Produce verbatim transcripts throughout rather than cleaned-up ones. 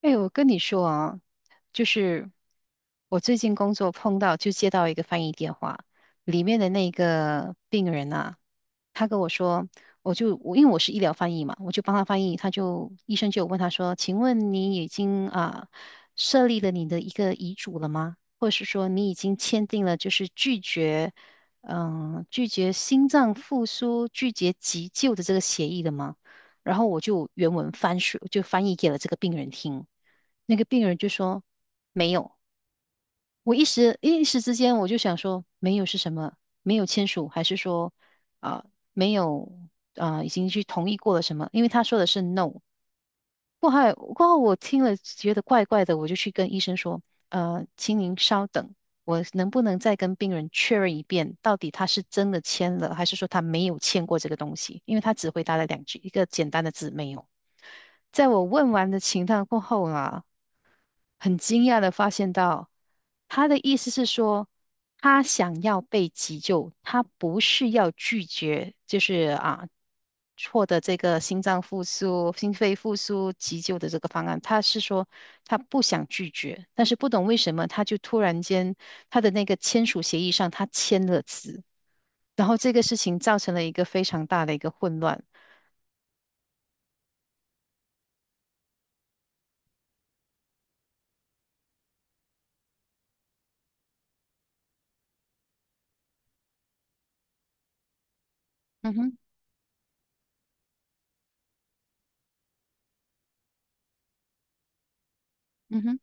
哎，我跟你说啊，就是我最近工作碰到，就接到一个翻译电话，里面的那个病人啊，他跟我说，我就我因为我是医疗翻译嘛，我就帮他翻译，他就医生就有问他说，请问你已经啊设立了你的一个遗嘱了吗？或者是说你已经签订了就是拒绝嗯拒绝心脏复苏、拒绝急救的这个协议了吗？然后我就原文翻书就翻译给了这个病人听，那个病人就说没有。我一时一时之间，我就想说，没有是什么？没有签署，还是说啊、没有啊、已经去同意过了什么，因为他说的是 no。过后，过后我听了觉得怪怪的，我就去跟医生说，呃，请您稍等，我能不能再跟病人确认一遍，到底他是真的签了，还是说他没有签过这个东西？因为他只回答了两句，一个简单的字没有。在我问完的情况过后啊很惊讶的发现到，他的意思是说，他想要被急救，他不是要拒绝，就是啊，获得这个心脏复苏、心肺复苏急救的这个方案，他是说他不想拒绝，但是不懂为什么他就突然间他的那个签署协议上他签了字，然后这个事情造成了一个非常大的一个混乱。嗯哼，嗯哼。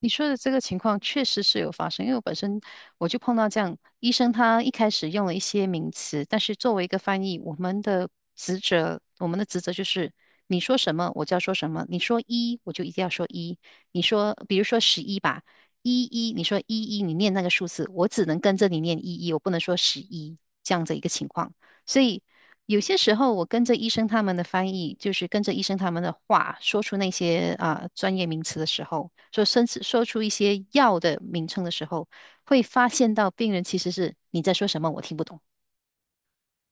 你说的这个情况确实是有发生，因为我本身我就碰到这样，医生他一开始用了一些名词，但是作为一个翻译，我们的职责，我们的职责就是你说什么我就要说什么，你说一我就一定要说一，你说比如说十一吧，一一你说一一你念那个数字，我只能跟着你念一一，我不能说十一这样的一个情况。所以有些时候，我跟着医生他们的翻译，就是跟着医生他们的话，说出那些啊、专业名词的时候，说甚至说出一些药的名称的时候，会发现到病人其实是你在说什么，我听不懂。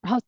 然后，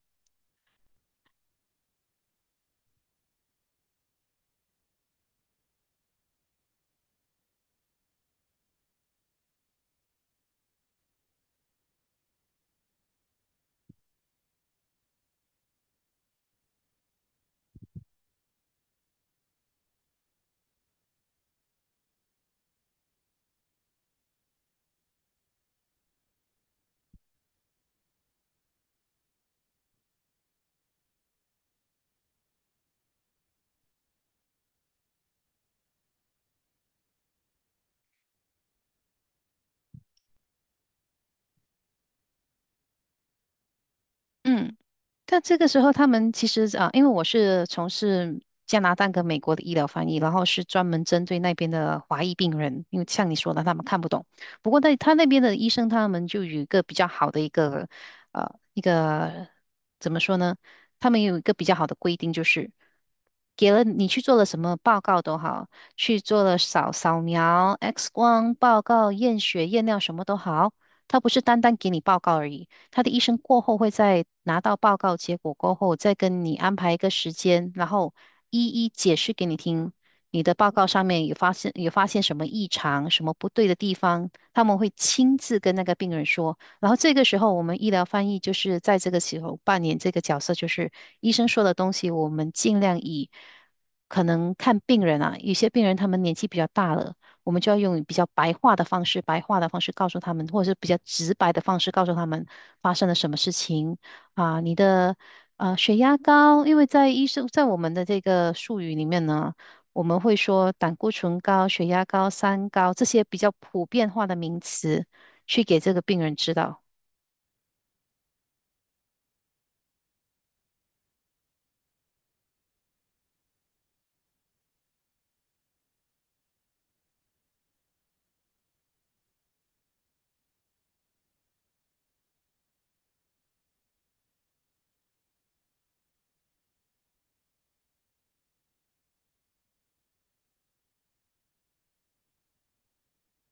嗯，但这个时候，他们其实啊，因为我是从事加拿大跟美国的医疗翻译，然后是专门针对那边的华裔病人，因为像你说的，他们看不懂。不过在他那边的医生，他们就有一个比较好的一个呃一个怎么说呢？他们有一个比较好的规定，就是给了你去做了什么报告都好，去做了扫扫描、X 光报告、验血、验尿什么都好，他不是单单给你报告而已。他的医生过后会在拿到报告结果过后，再跟你安排一个时间，然后一一解释给你听。你的报告上面有发现有发现什么异常、什么不对的地方，他们会亲自跟那个病人说。然后这个时候，我们医疗翻译就是在这个时候扮演这个角色，就是医生说的东西，我们尽量以可能看病人啊，有些病人他们年纪比较大了，我们就要用比较白话的方式，白话的方式告诉他们，或者是比较直白的方式告诉他们发生了什么事情啊，你的呃血压高，因为在医生在我们的这个术语里面呢，我们会说胆固醇高、血压高、三高这些比较普遍化的名词，去给这个病人知道。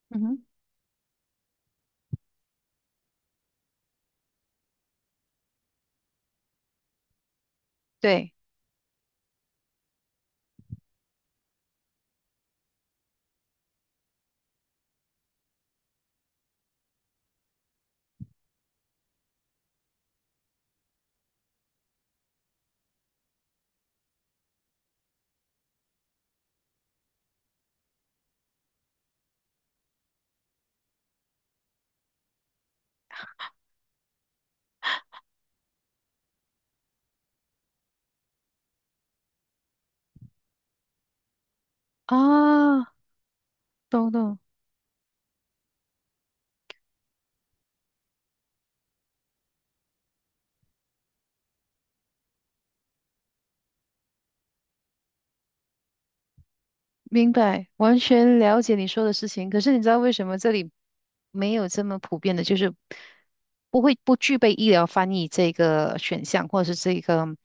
嗯哼，对，啊，懂懂。明白，完全了解你说的事情。可是你知道为什么这里没有这么普遍的，就是不会不具备医疗翻译这个选项，或者是这个，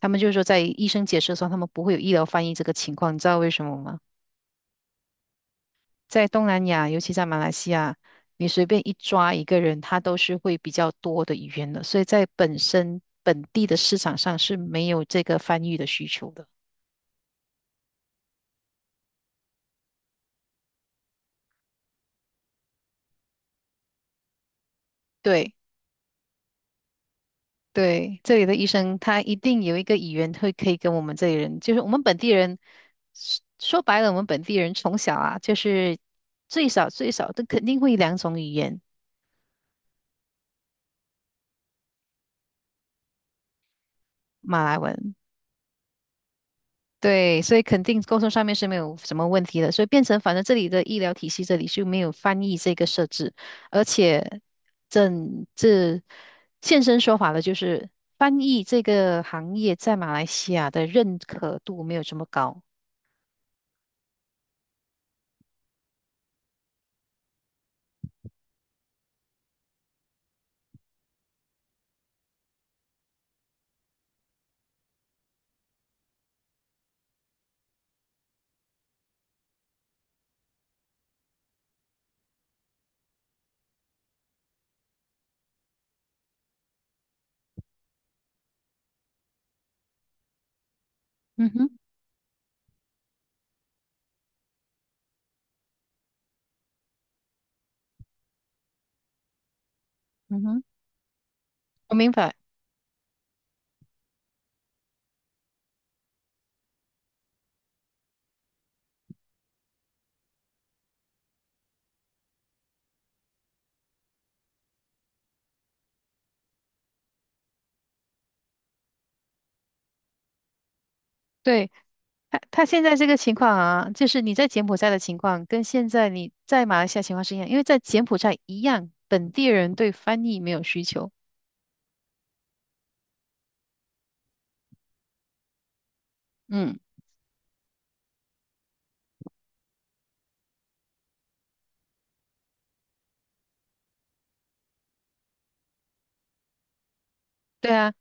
他们就是说在医生解释的时候，他们不会有医疗翻译这个情况。你知道为什么吗？在东南亚，尤其在马来西亚，你随便一抓一个人，他都是会比较多的语言的，所以在本身本地的市场上是没有这个翻译的需求的。对。对，这里的医生他一定有一个语言会可以跟我们这里人，就是我们本地人，说说白了，我们本地人从小啊，就是最少最少都肯定会两种语言，马来文。对，所以肯定沟通上面是没有什么问题的，所以变成反正这里的医疗体系这里是没有翻译这个设置，而且整这现身说法的就是翻译这个行业在马来西亚的认可度没有这么高。嗯哼，嗯哼，我明白。对，他他现在这个情况啊，就是你在柬埔寨的情况，跟现在你在马来西亚情况是一样，因为在柬埔寨一样，本地人对翻译没有需求。嗯，对啊，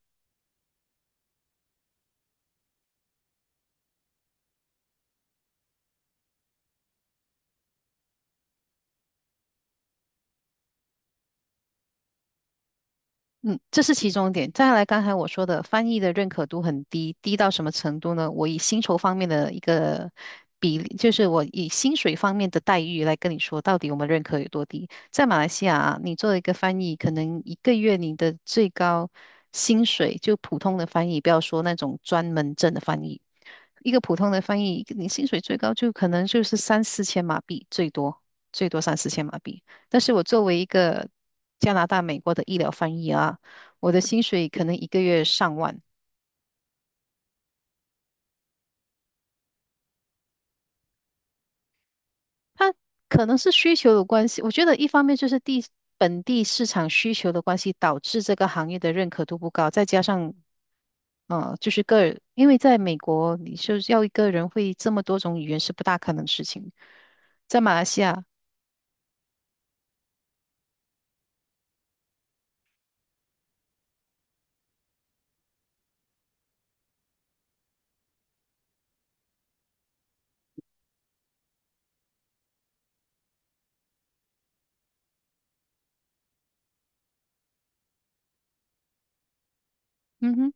嗯，这是其中一点。再来，刚才我说的翻译的认可度很低，低到什么程度呢？我以薪酬方面的一个比例，就是我以薪水方面的待遇来跟你说，到底我们认可有多低。在马来西亚啊，你做一个翻译，可能一个月你的最高薪水，就普通的翻译，不要说那种专门证的翻译，一个普通的翻译，你薪水最高就可能就是三四千马币，最多最多三四千马币。但是我作为一个加拿大、美国的医疗翻译啊，我的薪水可能一个月上万。它可能是需求的关系，我觉得一方面就是地本地市场需求的关系，导致这个行业的认可度不高，再加上呃，就是个，因为在美国，你就是要一个人会这么多种语言是不大可能的事情，在马来西亚，嗯哼。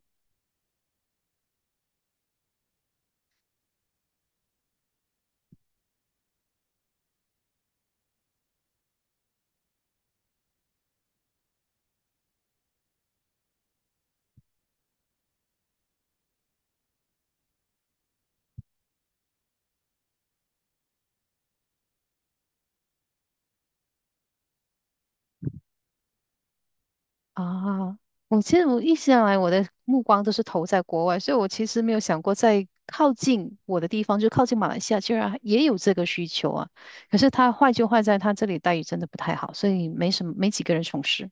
啊，我其实我一直以来我的目光都是投在国外，所以我其实没有想过在靠近我的地方，就靠近马来西亚，居然也有这个需求啊。可是它坏就坏在它这里待遇真的不太好，所以没什么，没几个人从事。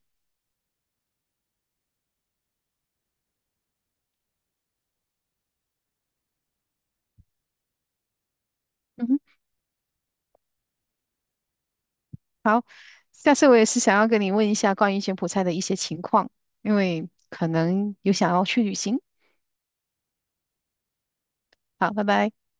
嗯哼，好，下次我也是想要跟你问一下关于柬埔寨的一些情况，因为可能有想要去旅行。好，拜拜。